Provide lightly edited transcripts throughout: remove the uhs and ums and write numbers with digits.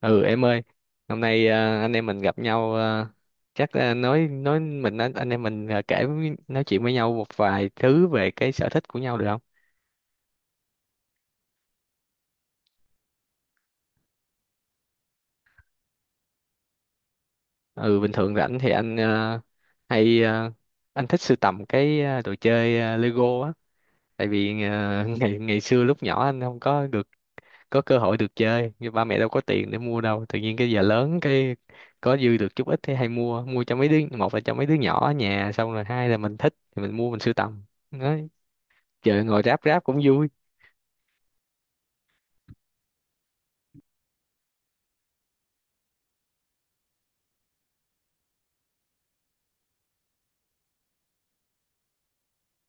Ừ em ơi, hôm nay anh em mình gặp nhau, chắc à, nói mình anh em mình, nói chuyện với nhau một vài thứ về cái sở thích của nhau được không? Ừ Bình thường rảnh thì anh hay à, anh thích sưu tầm cái đồ chơi, Lego á. Tại vì ngày ngày xưa lúc nhỏ anh không có được có cơ hội được chơi, như ba mẹ đâu có tiền để mua đâu, tự nhiên cái giờ lớn cái có dư được chút ít thì hay mua mua cho mấy đứa. Một là cho mấy đứa nhỏ ở nhà, xong rồi hai là mình thích thì mình mua mình sưu tầm, giờ ngồi ráp ráp cũng vui.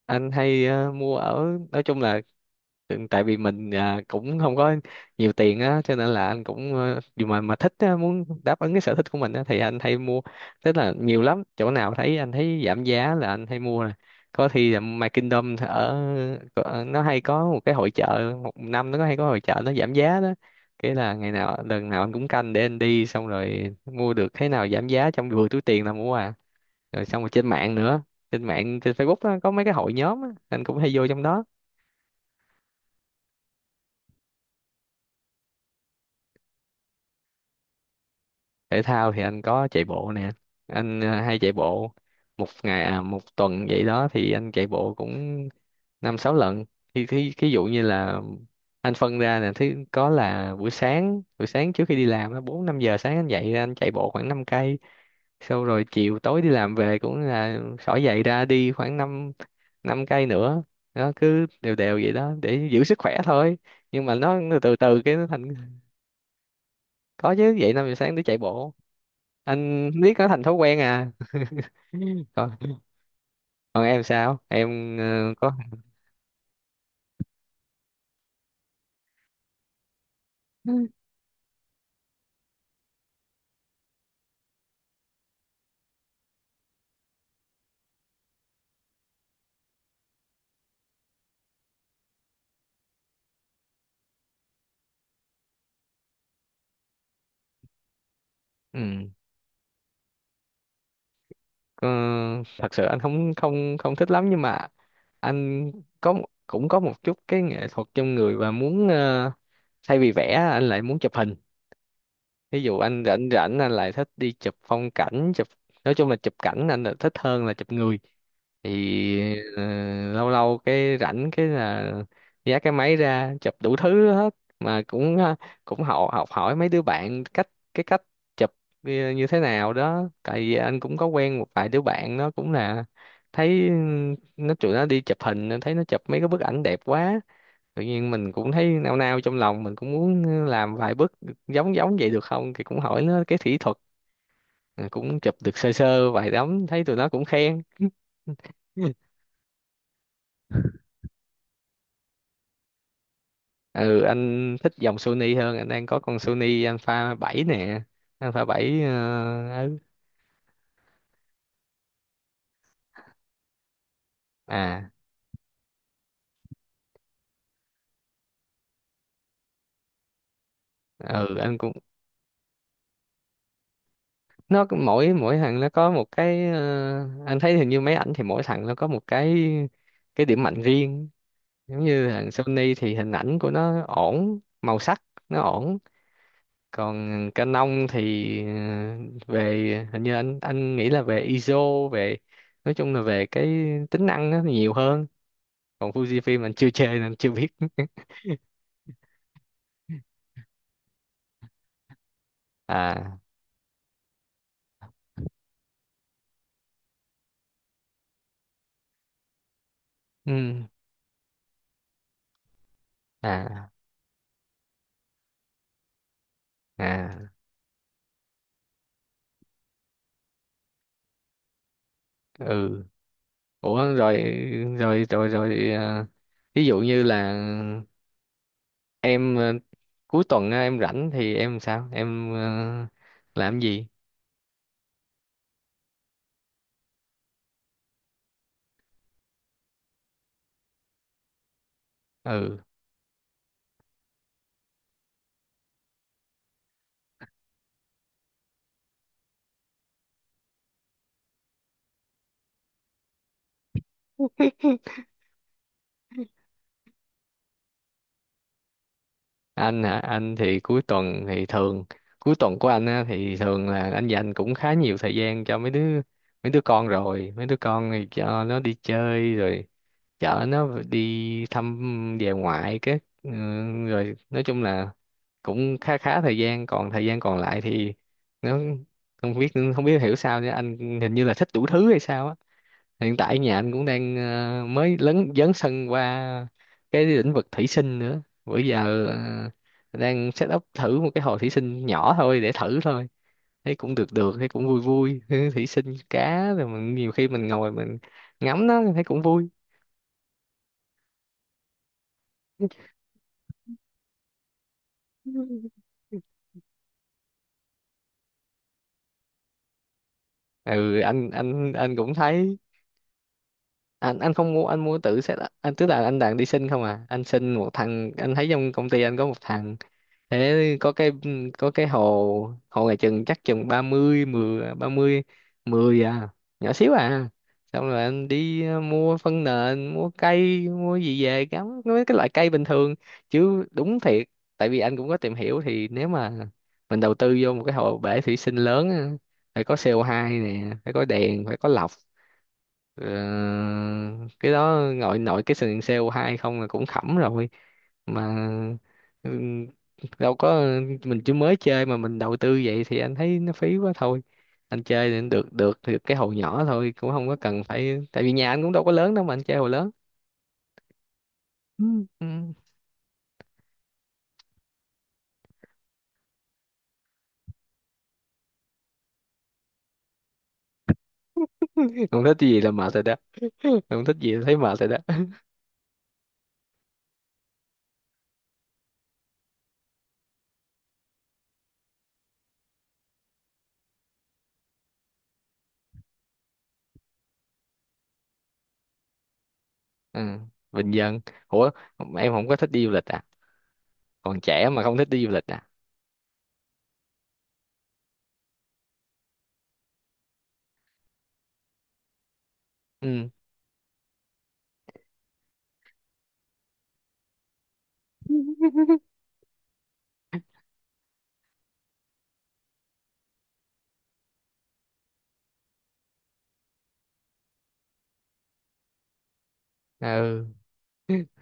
Anh hay mua ở, nói chung là, tại vì mình cũng không có nhiều tiền á, cho nên là anh cũng dù mà thích á, muốn đáp ứng cái sở thích của mình á, thì anh hay mua. Tức là nhiều lắm, chỗ nào thấy anh thấy giảm giá là anh hay mua nè. Có khi là My Kingdom ở, nó hay có một cái hội chợ, một năm nó có hay có hội chợ nó giảm giá đó, cái là ngày nào lần nào anh cũng canh để anh đi, xong rồi mua được cái nào giảm giá trong vừa túi tiền là mua à. Rồi xong rồi trên mạng nữa, trên mạng trên Facebook á, có mấy cái hội nhóm á anh cũng hay vô trong đó. Thể thao thì anh có chạy bộ nè, anh hay chạy bộ. Một ngày à một tuần vậy đó thì anh chạy bộ cũng năm sáu lần. Thì thí thí dụ như là anh phân ra nè, thứ có là buổi sáng trước khi đi làm á, bốn năm giờ sáng anh dậy ra anh chạy bộ khoảng 5 cây, sau rồi chiều tối đi làm về cũng là xỏ giày ra đi khoảng 5 năm cây nữa. Nó cứ đều đều vậy đó để giữ sức khỏe thôi, nhưng mà nó từ từ cái nó thành. Có chứ, dậy năm giờ sáng để chạy bộ, anh biết nó thành thói quen à. Còn, còn em sao, em có ừ, có? Thật sự anh không không không thích lắm, nhưng mà anh có, cũng có một chút cái nghệ thuật trong người và muốn thay vì vẽ anh lại muốn chụp hình. Ví dụ anh rảnh rảnh anh lại thích đi chụp phong cảnh chụp, nói chung là chụp cảnh anh là thích hơn là chụp người. Thì lâu lâu cái rảnh cái là giá cái máy ra chụp đủ thứ hết. Mà cũng cũng học học hỏi mấy đứa bạn cách cách chụp như như thế nào đó, tại vì anh cũng có quen một vài đứa bạn nó cũng là, thấy tụi nó đi chụp hình, anh thấy nó chụp mấy cái bức ảnh đẹp quá, tự nhiên mình cũng thấy nao nao trong lòng, mình cũng muốn làm vài bước giống giống vậy được không, thì cũng hỏi nó cái kỹ thuật. Rồi cũng chụp được sơ sơ vài tấm, thấy tụi nó cũng khen. Ừ, anh thích dòng Sony hơn, anh đang có con Sony Alpha bảy nè. Alpha 7, ừ. À, ừ anh cũng, nó mỗi mỗi thằng nó có một cái, anh thấy hình như máy ảnh thì mỗi thằng nó có một cái điểm mạnh riêng. Giống như thằng Sony thì hình ảnh của nó ổn, màu sắc nó ổn. Còn Canon thì về hình như anh nghĩ là về ISO, về, nói chung là về cái tính năng nó nhiều hơn. Còn Fujifilm anh chưa chơi nên anh chưa biết. À, ừ. À. À. Ừ. Ủa, rồi rồi rồi rồi ví dụ như là em cuối tuần á, em rảnh thì em sao, em làm gì? Ừ, anh hả? Anh thì cuối tuần thì thường, cuối tuần của anh á, thì thường là anh dành cũng khá nhiều thời gian cho mấy đứa, mấy đứa con rồi mấy đứa con thì cho nó đi chơi, rồi chở nó đi thăm về ngoại cái, rồi nói chung là cũng khá khá thời gian. Còn thời gian còn lại thì nó, không biết, không biết hiểu sao nữa, anh hình như là thích đủ thứ hay sao á. Hiện tại nhà anh cũng đang mới lấn dấn sân qua cái lĩnh vực thủy sinh nữa, bữa giờ đang set up thử một cái hồ thủy sinh nhỏ thôi để thử thôi. Thấy cũng được được, thấy cũng vui vui. Thủy sinh cá rồi, mình nhiều khi mình ngồi mình ngắm nó thấy cũng vui. Anh cũng thấy, anh không mua, anh mua tự set up. Anh tức là anh đang đi sinh không à, anh sinh một thằng, anh thấy trong công ty anh có một thằng thế, có cái hồ hồ này chừng, chắc chừng ba mươi mười à, nhỏ xíu à. Xong rồi anh đi mua phân nền, mua cây mua gì về cắm mấy cái loại cây bình thường chứ đúng thiệt. Tại vì anh cũng có tìm hiểu thì nếu mà mình đầu tư vô một cái hồ bể thủy sinh lớn á, phải có CO2 nè, phải có đèn, phải có lọc. Ờ, cái đó nội nội cái sừng sale hai không là cũng khẩm rồi mà. ừ, Đâu có, mình chỉ mới chơi mà mình đầu tư vậy thì anh thấy nó phí quá thôi. Anh chơi thì được được được cái hồ nhỏ thôi, cũng không có cần phải, tại vì nhà anh cũng đâu có lớn đâu mà anh chơi hồ lớn. Ừ, ừ. Không thích gì là mệt rồi đó, không thích gì là thấy mệt rồi đó. Ừ. Bình dân. Ủa em không có thích đi du lịch à? Còn trẻ mà không thích đi du lịch à? Ừ. Ừ.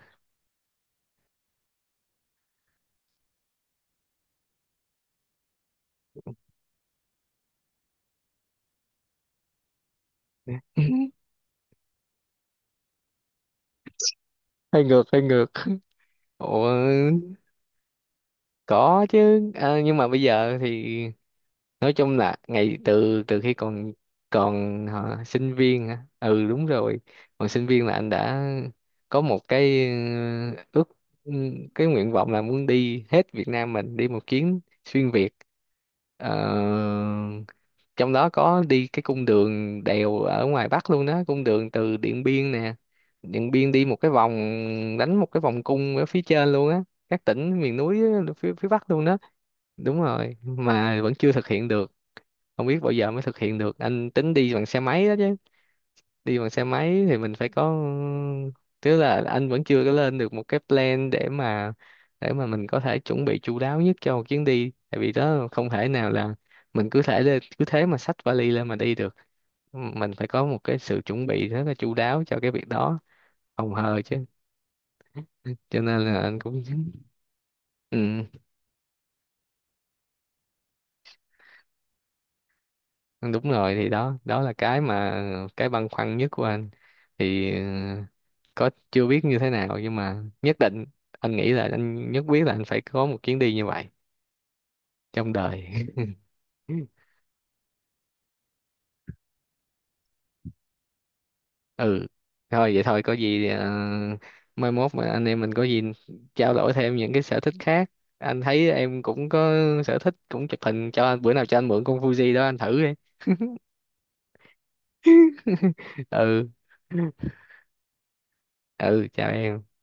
Hơi ngược, hơi ngược. Ủa, có chứ nhưng mà bây giờ thì, nói chung là ngày, từ từ khi còn, còn hả, sinh viên hả? Ừ đúng rồi, còn sinh viên là anh đã có một cái ừ, cái nguyện vọng là muốn đi hết Việt Nam, mình đi một chuyến xuyên Việt. Ờ, trong đó có đi cái cung đường đèo ở ngoài Bắc luôn đó, cung đường từ Điện Biên nè, Điện Biên đi một cái vòng, đánh một cái vòng cung ở phía trên luôn á, các tỉnh miền núi á, phía phía Bắc luôn đó. Đúng rồi, mà vẫn chưa thực hiện được, không biết bao giờ mới thực hiện được. Anh tính đi bằng xe máy đó chứ. Đi bằng xe máy thì mình phải có, tức là anh vẫn chưa có lên được một cái plan để mà, để mà mình có thể chuẩn bị chu đáo nhất cho một chuyến đi. Tại vì đó không thể nào là mình cứ thể lên cứ thế mà xách vali lên mà đi được, mình phải có một cái sự chuẩn bị rất là chu đáo cho cái việc đó, phòng hờ chứ. Cho nên là anh cũng, ừ. Đúng rồi thì đó, đó là cái mà, cái băn khoăn nhất của anh. Thì có chưa biết như thế nào, nhưng mà nhất định, anh nghĩ là anh nhất quyết là anh phải có một chuyến đi như vậy trong đời. Ừ, thôi vậy thôi, có gì mai mốt mà anh em mình có gì trao đổi thêm những cái sở thích khác. Anh thấy em cũng có sở thích cũng chụp hình, cho anh bữa nào cho anh mượn con Fuji đó anh thử đi. Ừ. Ừ, chào em.